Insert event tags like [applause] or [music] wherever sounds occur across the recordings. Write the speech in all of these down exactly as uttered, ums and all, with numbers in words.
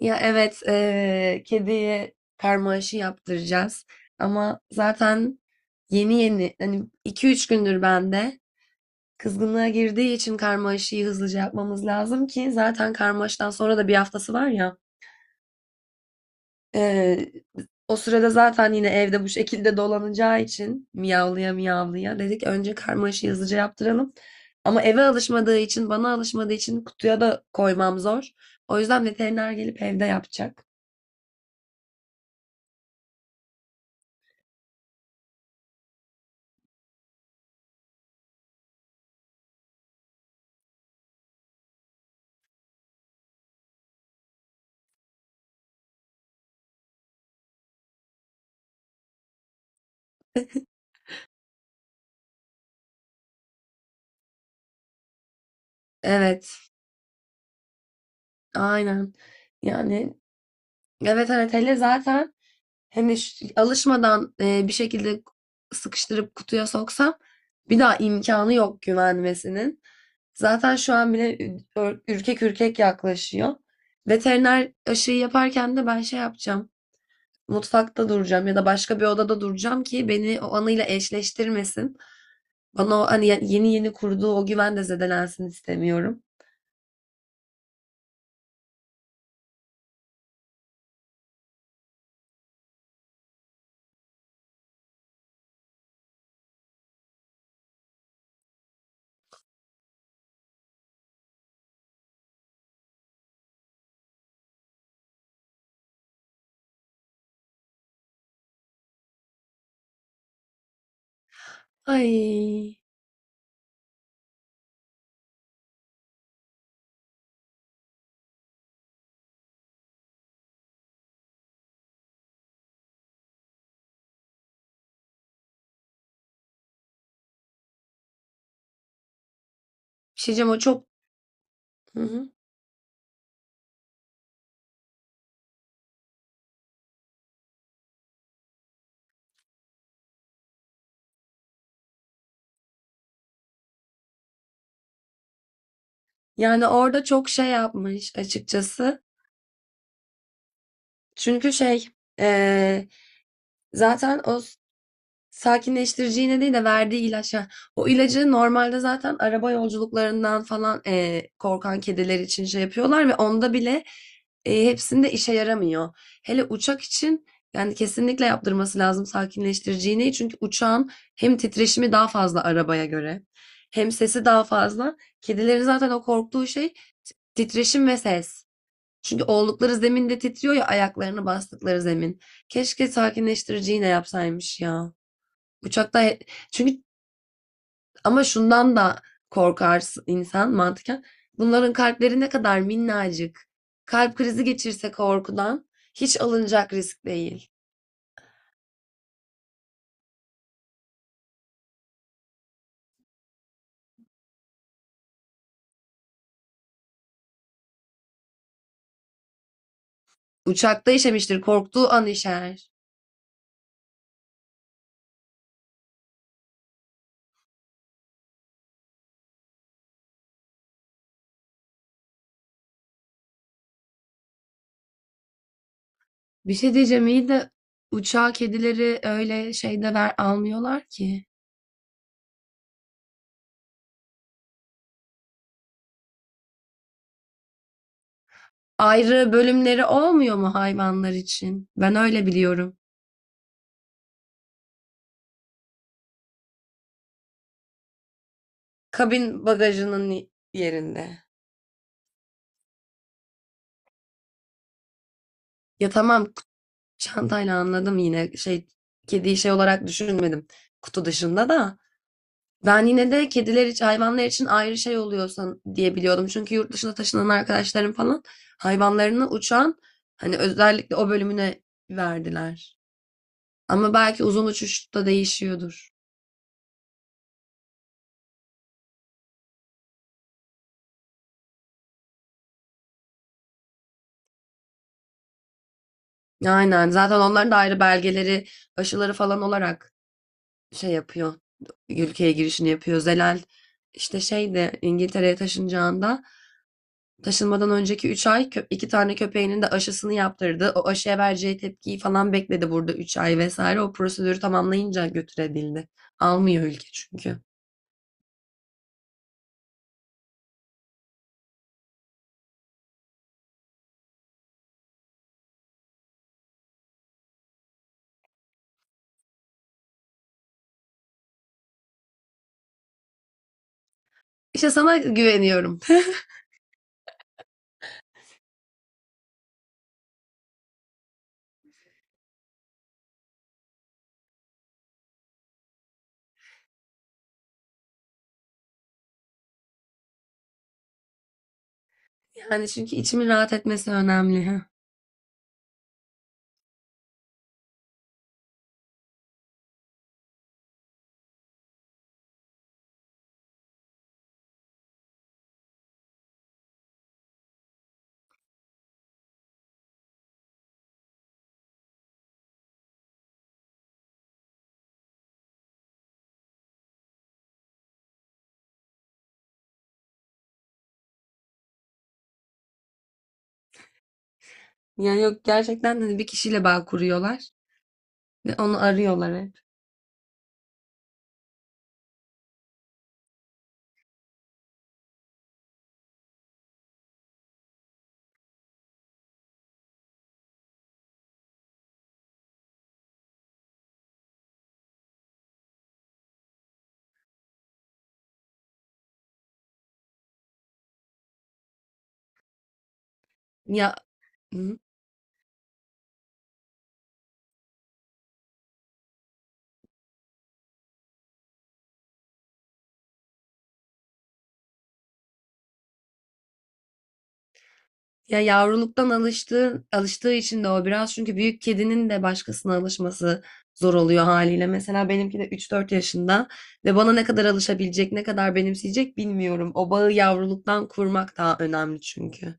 Ya evet, eee, kediye karma aşı yaptıracağız. Ama zaten yeni yeni, hani iki üç gündür bende kızgınlığa girdiği için karma aşıyı hızlıca yapmamız lazım ki zaten karma aşıdan sonra da bir haftası var ya. Eee, O sırada zaten yine evde bu şekilde dolanacağı için miyavlaya miyavlaya dedik önce karma aşıyı hızlıca yaptıralım. Ama eve alışmadığı için, bana alışmadığı için kutuya da koymam zor. O yüzden veteriner gelip evde yapacak. Evet. Aynen. Yani evet evet, hele zaten hani ş- alışmadan e, bir şekilde sıkıştırıp kutuya soksam bir daha imkanı yok güvenmesinin. Zaten şu an bile ü- ör- ürkek ürkek yaklaşıyor. Veteriner aşıyı yaparken de ben şey yapacağım. Mutfakta duracağım ya da başka bir odada duracağım ki beni o anıyla eşleştirmesin. Bana o hani yeni yeni kurduğu o güven de zedelensin istemiyorum. Ay, bir şey diyeceğim o çok... Hı hı. Yani orada çok şey yapmış açıkçası. Çünkü şey eee, zaten o s- sakinleştirici iğne değil de verdiği ilaç. Ha, o ilacı normalde zaten araba yolculuklarından falan eee, korkan kediler için şey yapıyorlar ve onda bile eee, hepsinde işe yaramıyor. Hele uçak için yani kesinlikle yaptırması lazım sakinleştirici iğneyi. Çünkü uçağın hem titreşimi daha fazla arabaya göre hem sesi daha fazla. Kedilerin zaten o korktuğu şey titreşim ve ses. Çünkü oldukları zeminde titriyor ya, ayaklarını bastıkları zemin. Keşke sakinleştirici iğne yapsaymış ya. Uçakta he- çünkü ama şundan da korkar insan mantıken. Bunların kalpleri ne kadar minnacık. Kalp krizi geçirse korkudan, hiç alınacak risk değil. Uçakta işemiştir, korktuğu an işer. Bir şey diyeceğim iyi de uçağa kedileri öyle şeyde ver almıyorlar ki. Ayrı bölümleri olmuyor mu hayvanlar için? Ben öyle biliyorum. Kabin bagajının yerinde. Ya tamam, çantayla anladım yine şey, kediyi şey olarak düşünmedim kutu dışında da. Ben yine de kediler için, hayvanlar için ayrı şey oluyorsa diye biliyordum. Çünkü yurt dışına taşınan arkadaşlarım falan hayvanlarını uçan hani özellikle o bölümüne verdiler. Ama belki uzun uçuşta değişiyordur. Aynen, zaten onların da ayrı belgeleri, aşıları falan olarak şey yapıyor. Ülkeye girişini yapıyor. Zelal işte şey de, İngiltere'ye taşınacağında taşınmadan önceki üç ay, kö- iki tane köpeğinin de aşısını yaptırdı. O aşıya vereceği tepkiyi falan bekledi burada üç ay vesaire. O prosedürü tamamlayınca götürebildi. Almıyor ülke çünkü. İşte sana güveniyorum. [laughs] Yani çünkü içimin rahat etmesi önemli. Ha. Yani yok, gerçekten hani bir kişiyle bağ kuruyorlar ve onu arıyorlar hep. Ya Ya yavruluktan alıştığı, alıştığı için de o biraz, çünkü büyük kedinin de başkasına alışması zor oluyor haliyle. Mesela benimki de üç dört yaşında ve bana ne kadar alışabilecek, ne kadar benimseyecek bilmiyorum. O bağı yavruluktan kurmak daha önemli çünkü.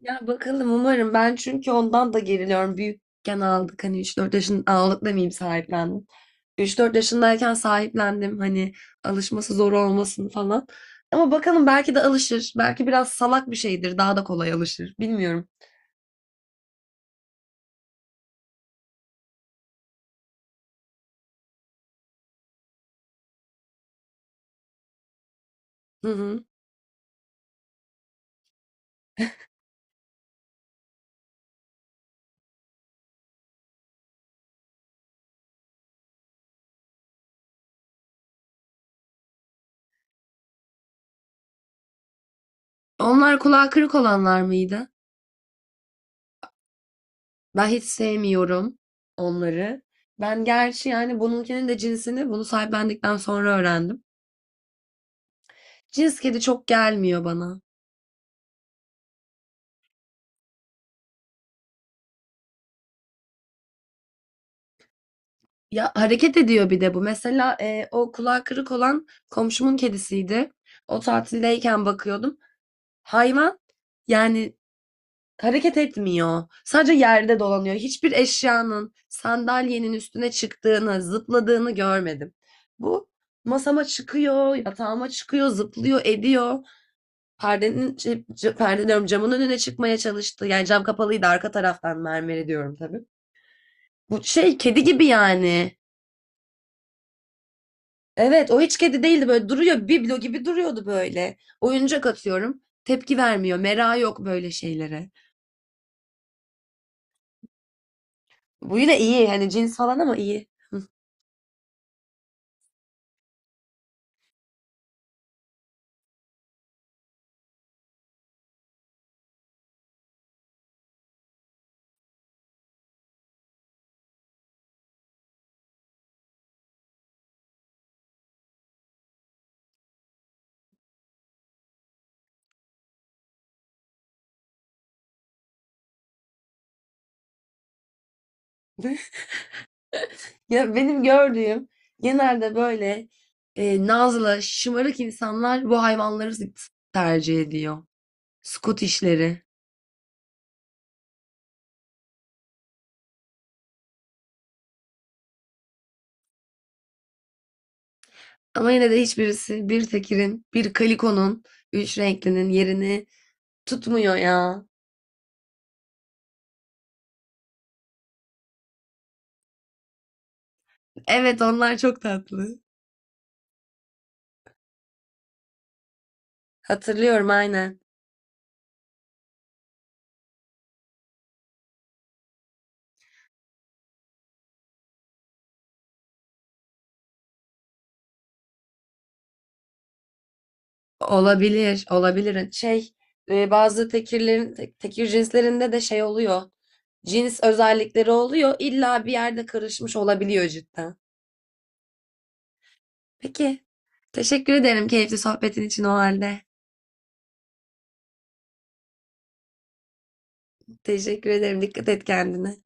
Ya bakalım, umarım. Ben çünkü ondan da geriliyorum. Büyükken aldık hani, üç dört yaşın aldık demeyeyim, sahiplendim. Üç dört yaşındayken sahiplendim hani alışması zor olmasın falan. Ama bakalım, belki de alışır. Belki biraz salak bir şeydir. Daha da kolay alışır. Bilmiyorum. Hı hı. Onlar kulağı kırık olanlar mıydı? Ben hiç sevmiyorum onları. Ben gerçi yani bununkinin de cinsini bunu sahiplendikten sonra öğrendim. Cins kedi çok gelmiyor bana. Ya hareket ediyor bir de bu. Mesela e, o kulağı kırık olan komşumun kedisiydi. O tatildeyken bakıyordum. Hayvan yani hareket etmiyor. Sadece yerde dolanıyor. Hiçbir eşyanın, sandalyenin üstüne çıktığını, zıpladığını görmedim. Bu masama çıkıyor, yatağıma çıkıyor, zıplıyor, ediyor. Perdenin, şey, c- perde diyorum, camın önüne çıkmaya çalıştı. Yani cam kapalıydı, arka taraftan mermeri diyorum tabii. Bu şey kedi gibi yani. Evet, o hiç kedi değildi, böyle duruyor biblo gibi duruyordu böyle. Oyuncak atıyorum, tepki vermiyor. Merak yok böyle şeylere. Bu yine iyi hani, cins falan ama iyi. [laughs] Ya benim gördüğüm genelde böyle e, nazlı, şımarık insanlar bu hayvanları tercih ediyor. Scottish'leri. Ama yine de hiçbirisi bir tekirin, bir kalikonun, üç renklinin yerini tutmuyor ya. Evet, onlar çok tatlı. Hatırlıyorum, aynen. Olabilir, olabilir. Şey, e, bazı tekirlerin, te- tekir cinslerinde de şey oluyor. Cins özellikleri oluyor. İlla bir yerde karışmış olabiliyor cidden. Peki. Teşekkür ederim keyifli sohbetin için o halde. Teşekkür ederim. Dikkat et kendine.